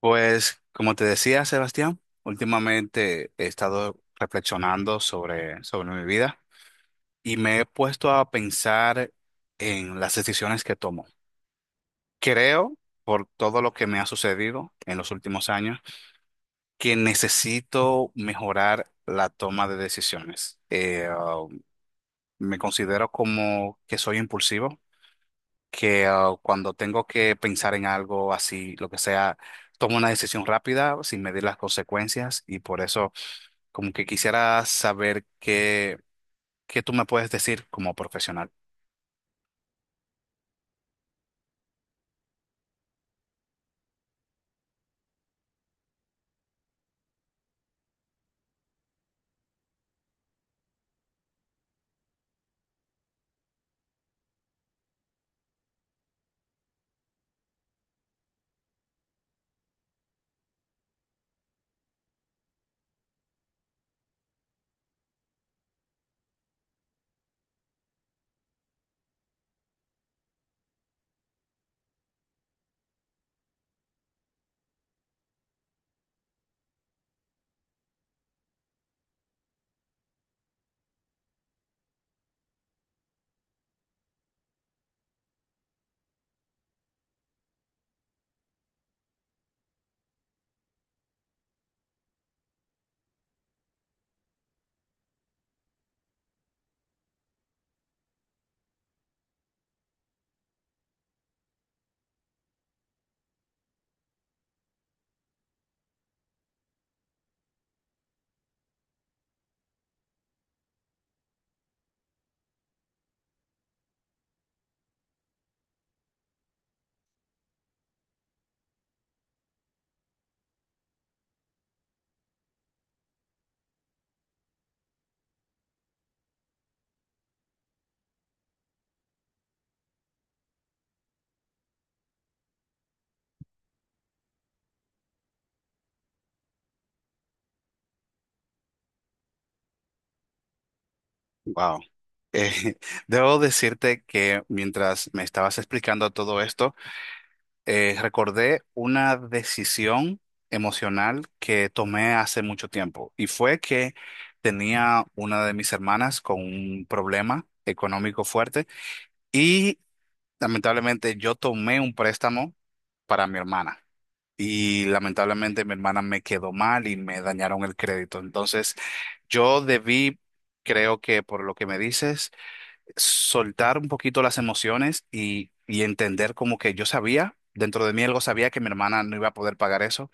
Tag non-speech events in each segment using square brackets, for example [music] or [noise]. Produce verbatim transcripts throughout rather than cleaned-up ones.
Pues, como te decía, Sebastián, últimamente he estado reflexionando sobre, sobre mi vida y me he puesto a pensar en las decisiones que tomo. Creo, por todo lo que me ha sucedido en los últimos años, que necesito mejorar la toma de decisiones. Eh, ah, me considero como que soy impulsivo que ah, cuando tengo que pensar en algo así, lo que sea, tomo una decisión rápida sin medir las consecuencias y por eso como que quisiera saber qué, qué tú me puedes decir como profesional. Wow. Eh, [laughs] debo decirte que mientras me estabas explicando todo esto, eh, recordé una decisión emocional que tomé hace mucho tiempo y fue que tenía una de mis hermanas con un problema económico fuerte. y Lamentablemente yo tomé un préstamo para mi hermana y lamentablemente mi hermana me quedó mal y me dañaron el crédito. Entonces yo debí, creo que por lo que me dices, soltar un poquito las emociones y, y entender como que yo sabía, dentro de mí algo sabía que mi hermana no iba a poder pagar eso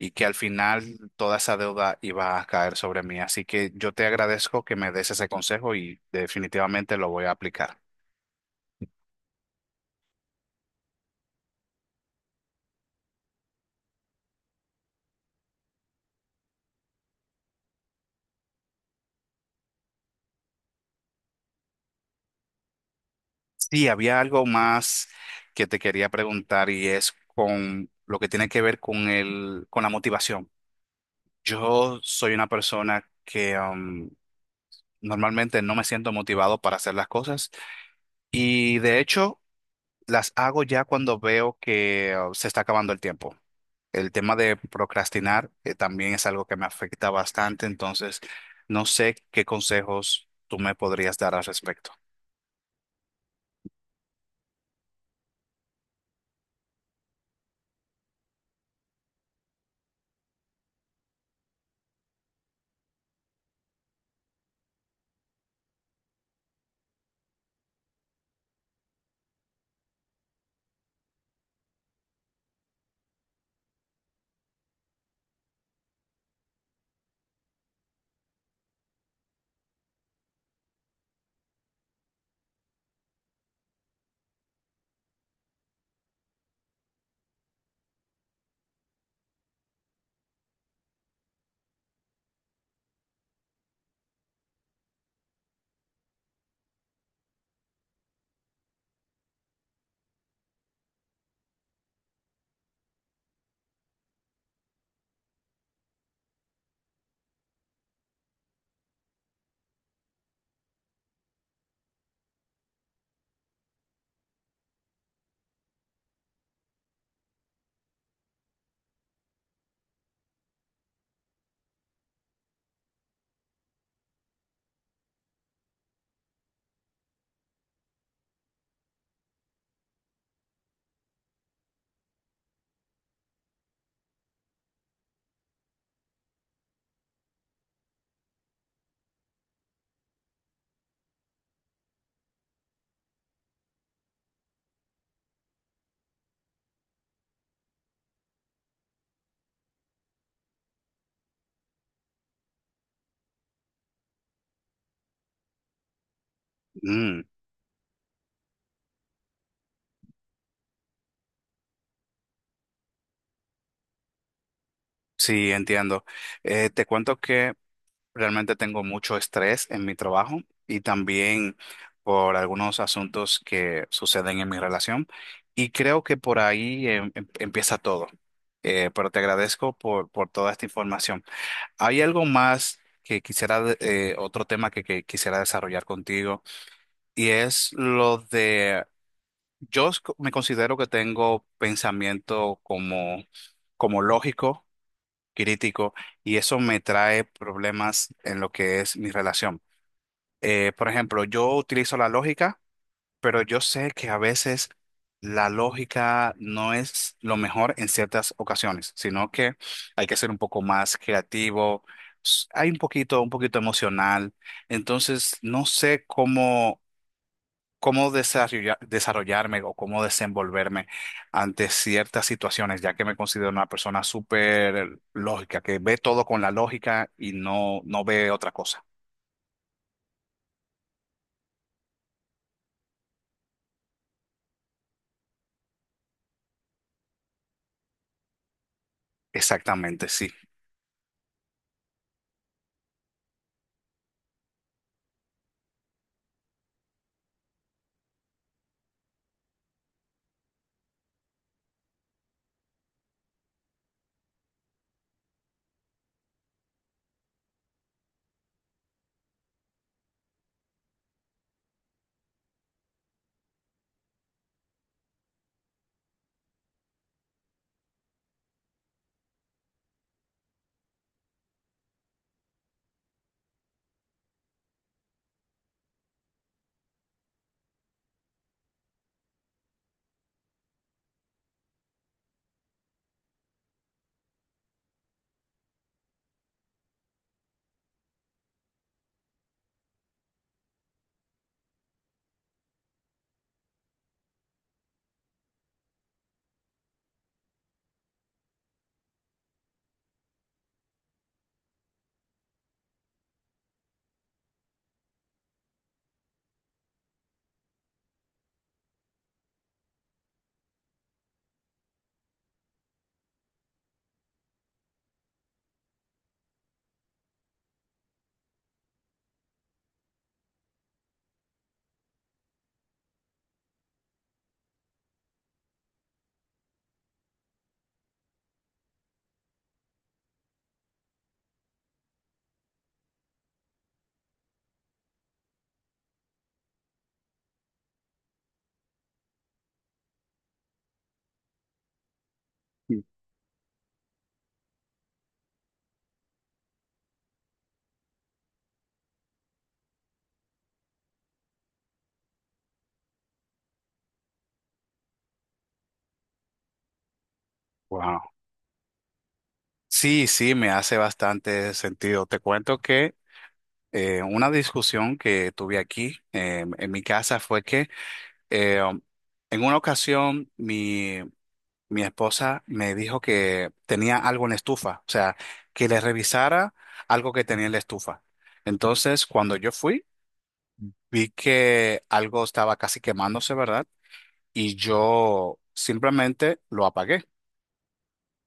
y que al final toda esa deuda iba a caer sobre mí. Así que yo te agradezco que me des ese consejo y definitivamente lo voy a aplicar. Sí, había algo más que te quería preguntar y es con lo que tiene que ver con el, con la motivación. Yo soy una persona que um, normalmente no me siento motivado para hacer las cosas y de hecho las hago ya cuando veo que uh, se está acabando el tiempo. El tema de procrastinar eh, también es algo que me afecta bastante, entonces no sé qué consejos tú me podrías dar al respecto. Mm, sí, entiendo. Eh, te cuento que realmente tengo mucho estrés en mi trabajo y también por algunos asuntos que suceden en mi relación. Y creo que por ahí em- em- empieza todo. Eh, pero te agradezco por, por toda esta información. ¿Hay algo más que quisiera, de- eh, otro tema que, que quisiera desarrollar contigo? Y es lo de, yo s- me considero que tengo pensamiento como, como lógico, crítico, y eso me trae problemas en lo que es mi relación. Eh, por ejemplo, yo utilizo la lógica, pero yo sé que a veces la lógica no es lo mejor en ciertas ocasiones, sino que hay que ser un poco más creativo, s- hay un poquito, un poquito emocional. Entonces, no sé cómo, cómo desarrolla- desarrollarme o cómo desenvolverme ante ciertas situaciones, ya que me considero una persona súper lógica, que ve todo con la lógica y no, no ve otra cosa. Exactamente, sí. Wow. Sí, sí, me hace bastante sentido. Te cuento que eh, una discusión que tuve aquí eh, en mi casa fue que eh, um, en una ocasión mi, mi esposa me dijo que tenía algo en la estufa, o sea, que le revisara algo que tenía en la estufa. Entonces, cuando yo fui, vi que algo estaba casi quemándose, ¿verdad? Y yo simplemente lo apagué.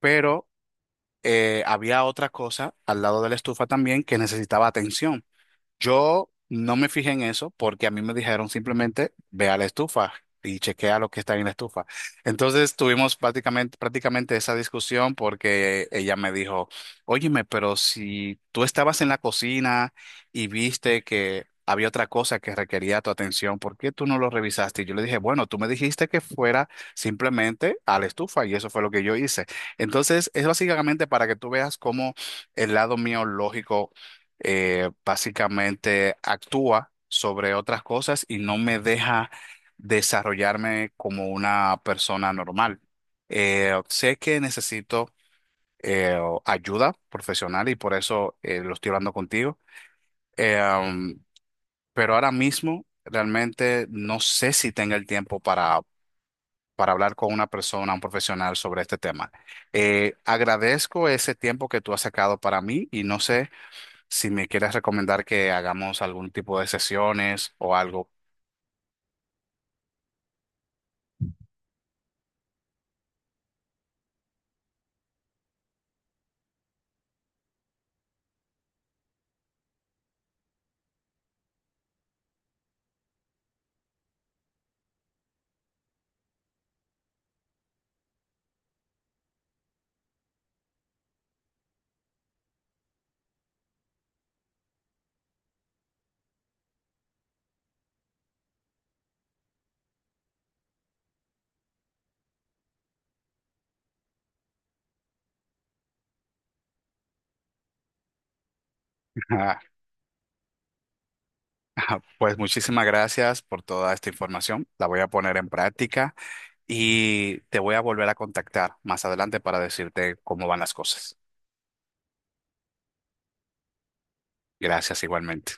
Pero eh, había otra cosa al lado de la estufa también que necesitaba atención. Yo no me fijé en eso porque a mí me dijeron simplemente ve a la estufa y chequea lo que está en la estufa. Entonces tuvimos prácticamente, prácticamente esa discusión porque ella me dijo, óyeme, pero si tú estabas en la cocina y viste que había otra cosa que requería tu atención, ¿por qué tú no lo revisaste? Y yo le dije, bueno, tú me dijiste que fuera simplemente a la estufa y eso fue lo que yo hice. Entonces es básicamente para que tú veas cómo el lado mío lógico eh, básicamente actúa sobre otras cosas y no me deja desarrollarme como una persona normal. Eh, sé que necesito eh, ayuda profesional y por eso eh, lo estoy hablando contigo. Eh, um, pero ahora mismo realmente no sé si tenga el tiempo para... para hablar con una persona, un profesional sobre este tema. Eh, agradezco ese tiempo que tú has sacado para mí y no sé si me quieres recomendar que hagamos algún tipo de sesiones o algo. [laughs] Pues muchísimas gracias por toda esta información. La voy a poner en práctica y te voy a volver a contactar más adelante para decirte cómo van las cosas. Gracias igualmente.